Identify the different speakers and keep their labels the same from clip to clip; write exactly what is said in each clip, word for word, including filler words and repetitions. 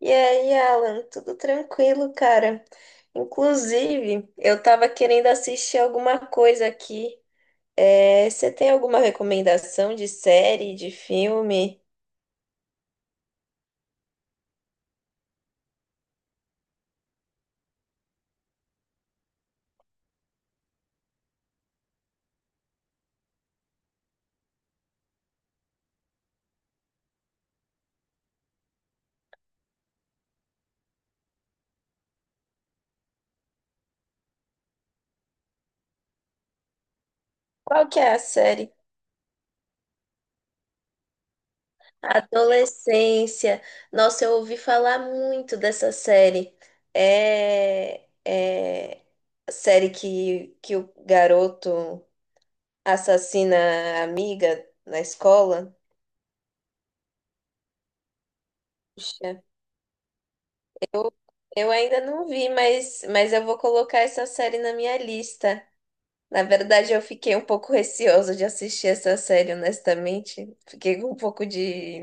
Speaker 1: E aí, Alan, tudo tranquilo, cara? Inclusive, eu tava querendo assistir alguma coisa aqui. É, você tem alguma recomendação de série, de filme? Qual que é a série? Adolescência. Nossa, eu ouvi falar muito dessa série. É, é a série que, que o garoto assassina a amiga na escola. Puxa. Eu ainda não vi, mas, mas eu vou colocar essa série na minha lista. Na verdade, eu fiquei um pouco receosa de assistir essa série, honestamente. Fiquei com um pouco de,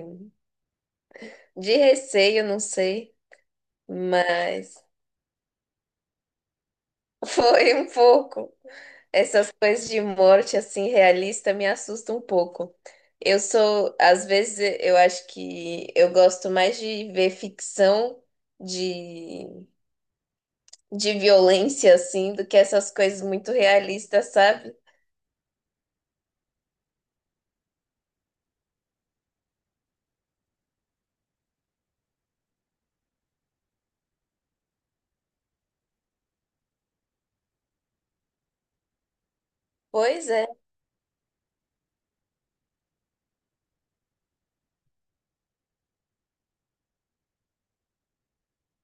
Speaker 1: de receio, não sei. Mas foi um pouco. Essas coisas de morte, assim, realista, me assustam um pouco. Eu sou, às vezes, eu acho que eu gosto mais de ver ficção de, de violência, assim, do que essas coisas muito realistas, sabe? Pois é,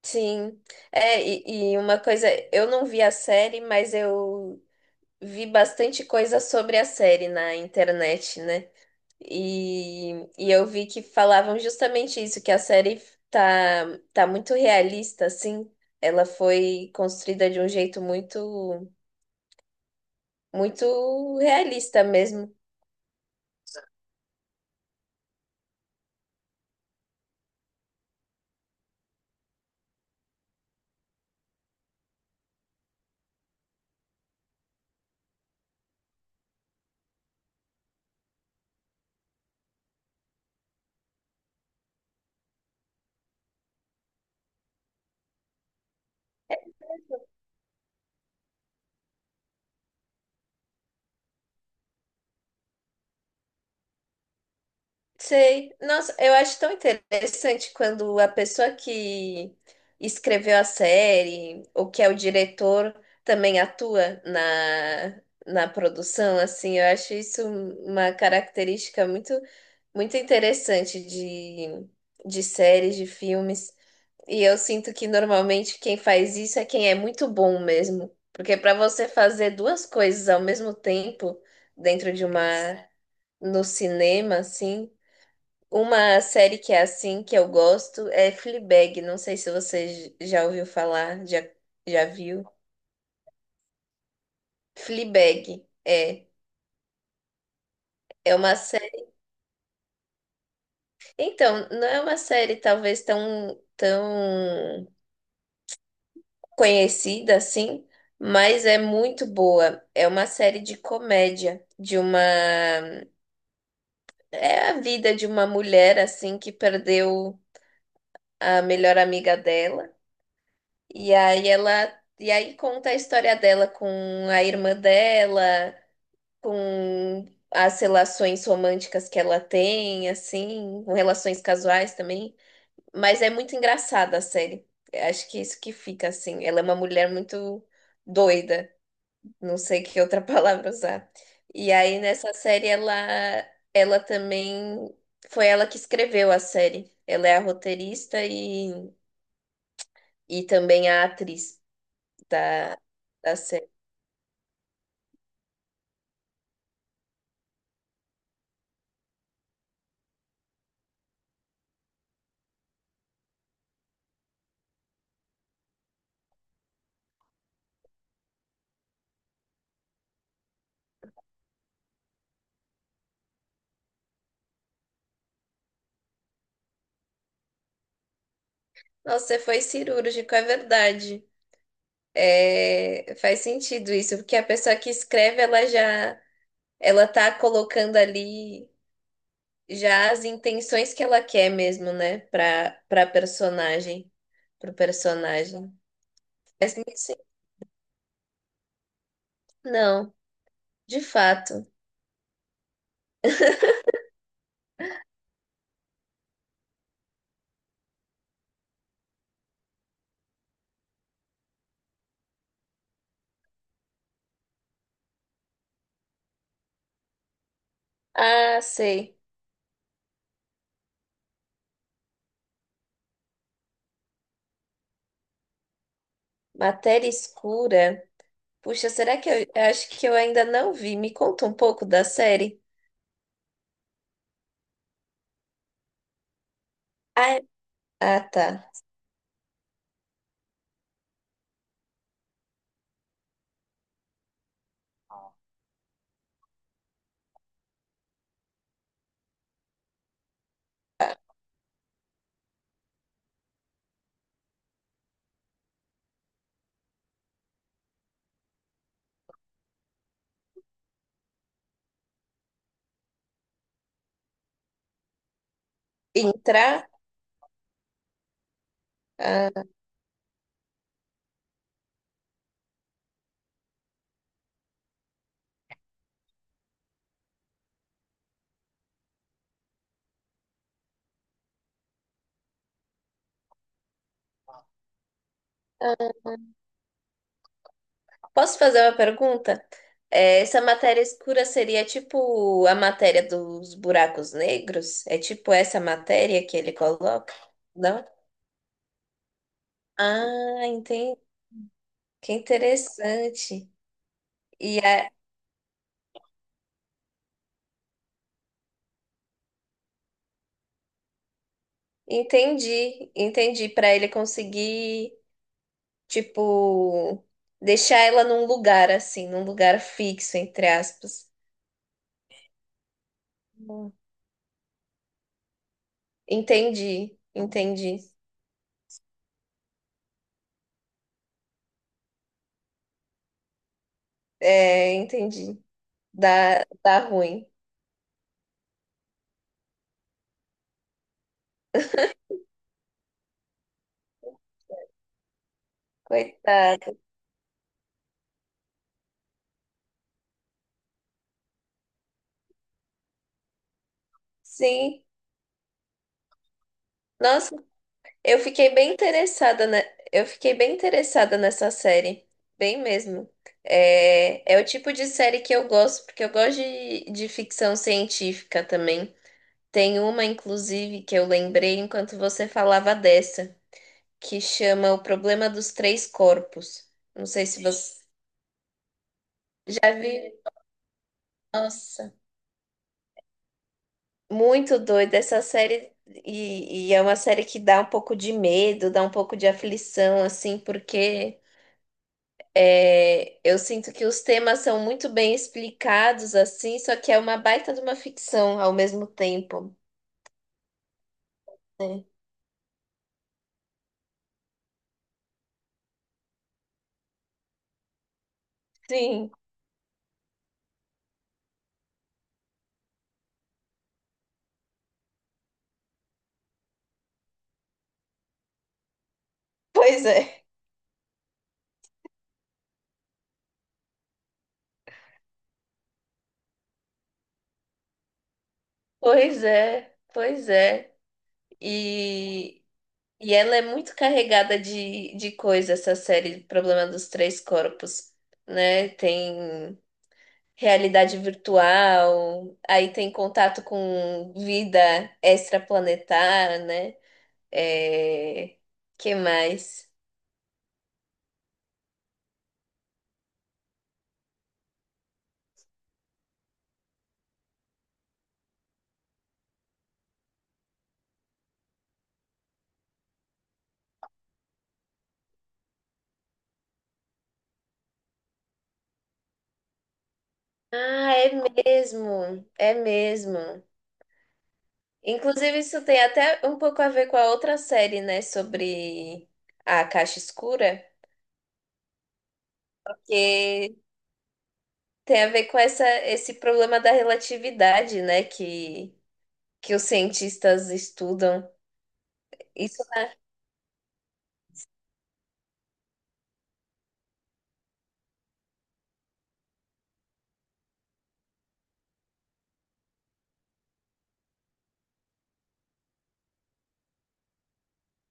Speaker 1: sim. É, e, e uma coisa, eu não vi a série, mas eu vi bastante coisa sobre a série na internet, né? E, e eu vi que falavam justamente isso, que a série tá, tá muito realista, assim. Ela foi construída de um jeito muito, muito realista mesmo. Sei. Nossa, eu acho tão interessante quando a pessoa que escreveu a série ou que é o diretor também atua na, na produção, assim, eu acho isso uma característica muito, muito interessante de, de séries, de filmes. E eu sinto que normalmente quem faz isso é quem é muito bom mesmo. Porque para você fazer duas coisas ao mesmo tempo dentro de uma, no cinema, assim. Uma série que é assim, que eu gosto, é Fleabag. Não sei se você j- já ouviu falar, já, já viu. Fleabag, é. É uma série. Então, não é uma série talvez tão, tão conhecida assim, mas é muito boa. É uma série de comédia, de uma. É a vida de uma mulher assim que perdeu a melhor amiga dela. E aí ela. E aí conta a história dela com a irmã dela. Com as relações românticas que ela tem, assim, com relações casuais também. Mas é muito engraçada a série. Acho que é isso que fica, assim. Ela é uma mulher muito doida, não sei que outra palavra usar. E aí nessa série ela, ela também foi ela que escreveu a série. Ela é a roteirista e, e também a atriz da, da série. Nossa, você foi cirúrgico, é verdade. É, faz sentido isso, porque a pessoa que escreve, ela já, ela tá colocando ali já as intenções que ela quer mesmo, né, para para personagem, pro personagem. Faz muito sentido. Não, de fato. Ah, sei. Matéria escura. Puxa, será que eu, eu acho que eu ainda não vi? Me conta um pouco da série. Ah, é- ah, tá. Entrar? Ah, posso fazer uma pergunta? É, essa matéria escura seria tipo a matéria dos buracos negros? É tipo essa matéria que ele coloca? Não? Ah, entendi. Que interessante. E é, entendi, entendi. Para ele conseguir, tipo, deixar ela num lugar assim, num lugar fixo, entre aspas. Hum. Entendi, entendi. É, entendi. Dá, dá ruim. Coitado. Sim. Nossa, eu fiquei bem interessada, né? Eu fiquei bem interessada nessa série, bem mesmo. É, é o tipo de série que eu gosto, porque eu gosto de, de ficção científica também. Tem uma, inclusive, que eu lembrei enquanto você falava dessa, que chama O Problema dos Três Corpos. Não sei se você já viu. Nossa, muito doida essa série. E, e é uma série que dá um pouco de medo, dá um pouco de aflição, assim, porque. É, eu sinto que os temas são muito bem explicados, assim, só que é uma baita de uma ficção ao mesmo tempo. Né? Sim, pois é, pois é, pois é. E, e ela é muito carregada de, de coisa, essa série Problema dos Três Corpos, né? Tem realidade virtual, aí tem contato com vida extraplanetária, né? É, que mais? Ah, é mesmo, é mesmo. Inclusive, isso tem até um pouco a ver com a outra série, né, sobre a caixa escura, que tem a ver com essa, esse problema da relatividade, né, que, que os cientistas estudam. Isso,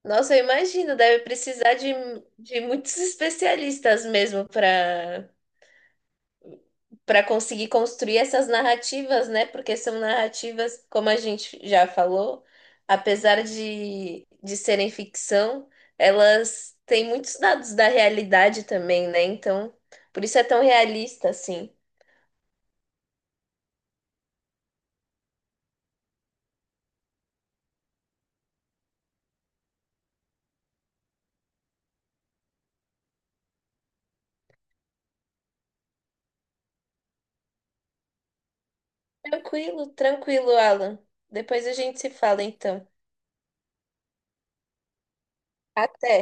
Speaker 1: nossa, eu imagino, deve precisar de, de muitos especialistas mesmo para para conseguir construir essas narrativas, né? Porque são narrativas, como a gente já falou, apesar de, de serem ficção, elas têm muitos dados da realidade também, né? Então, por isso é tão realista, assim. Tranquilo, tranquilo, Alan. Depois a gente se fala, então. Até.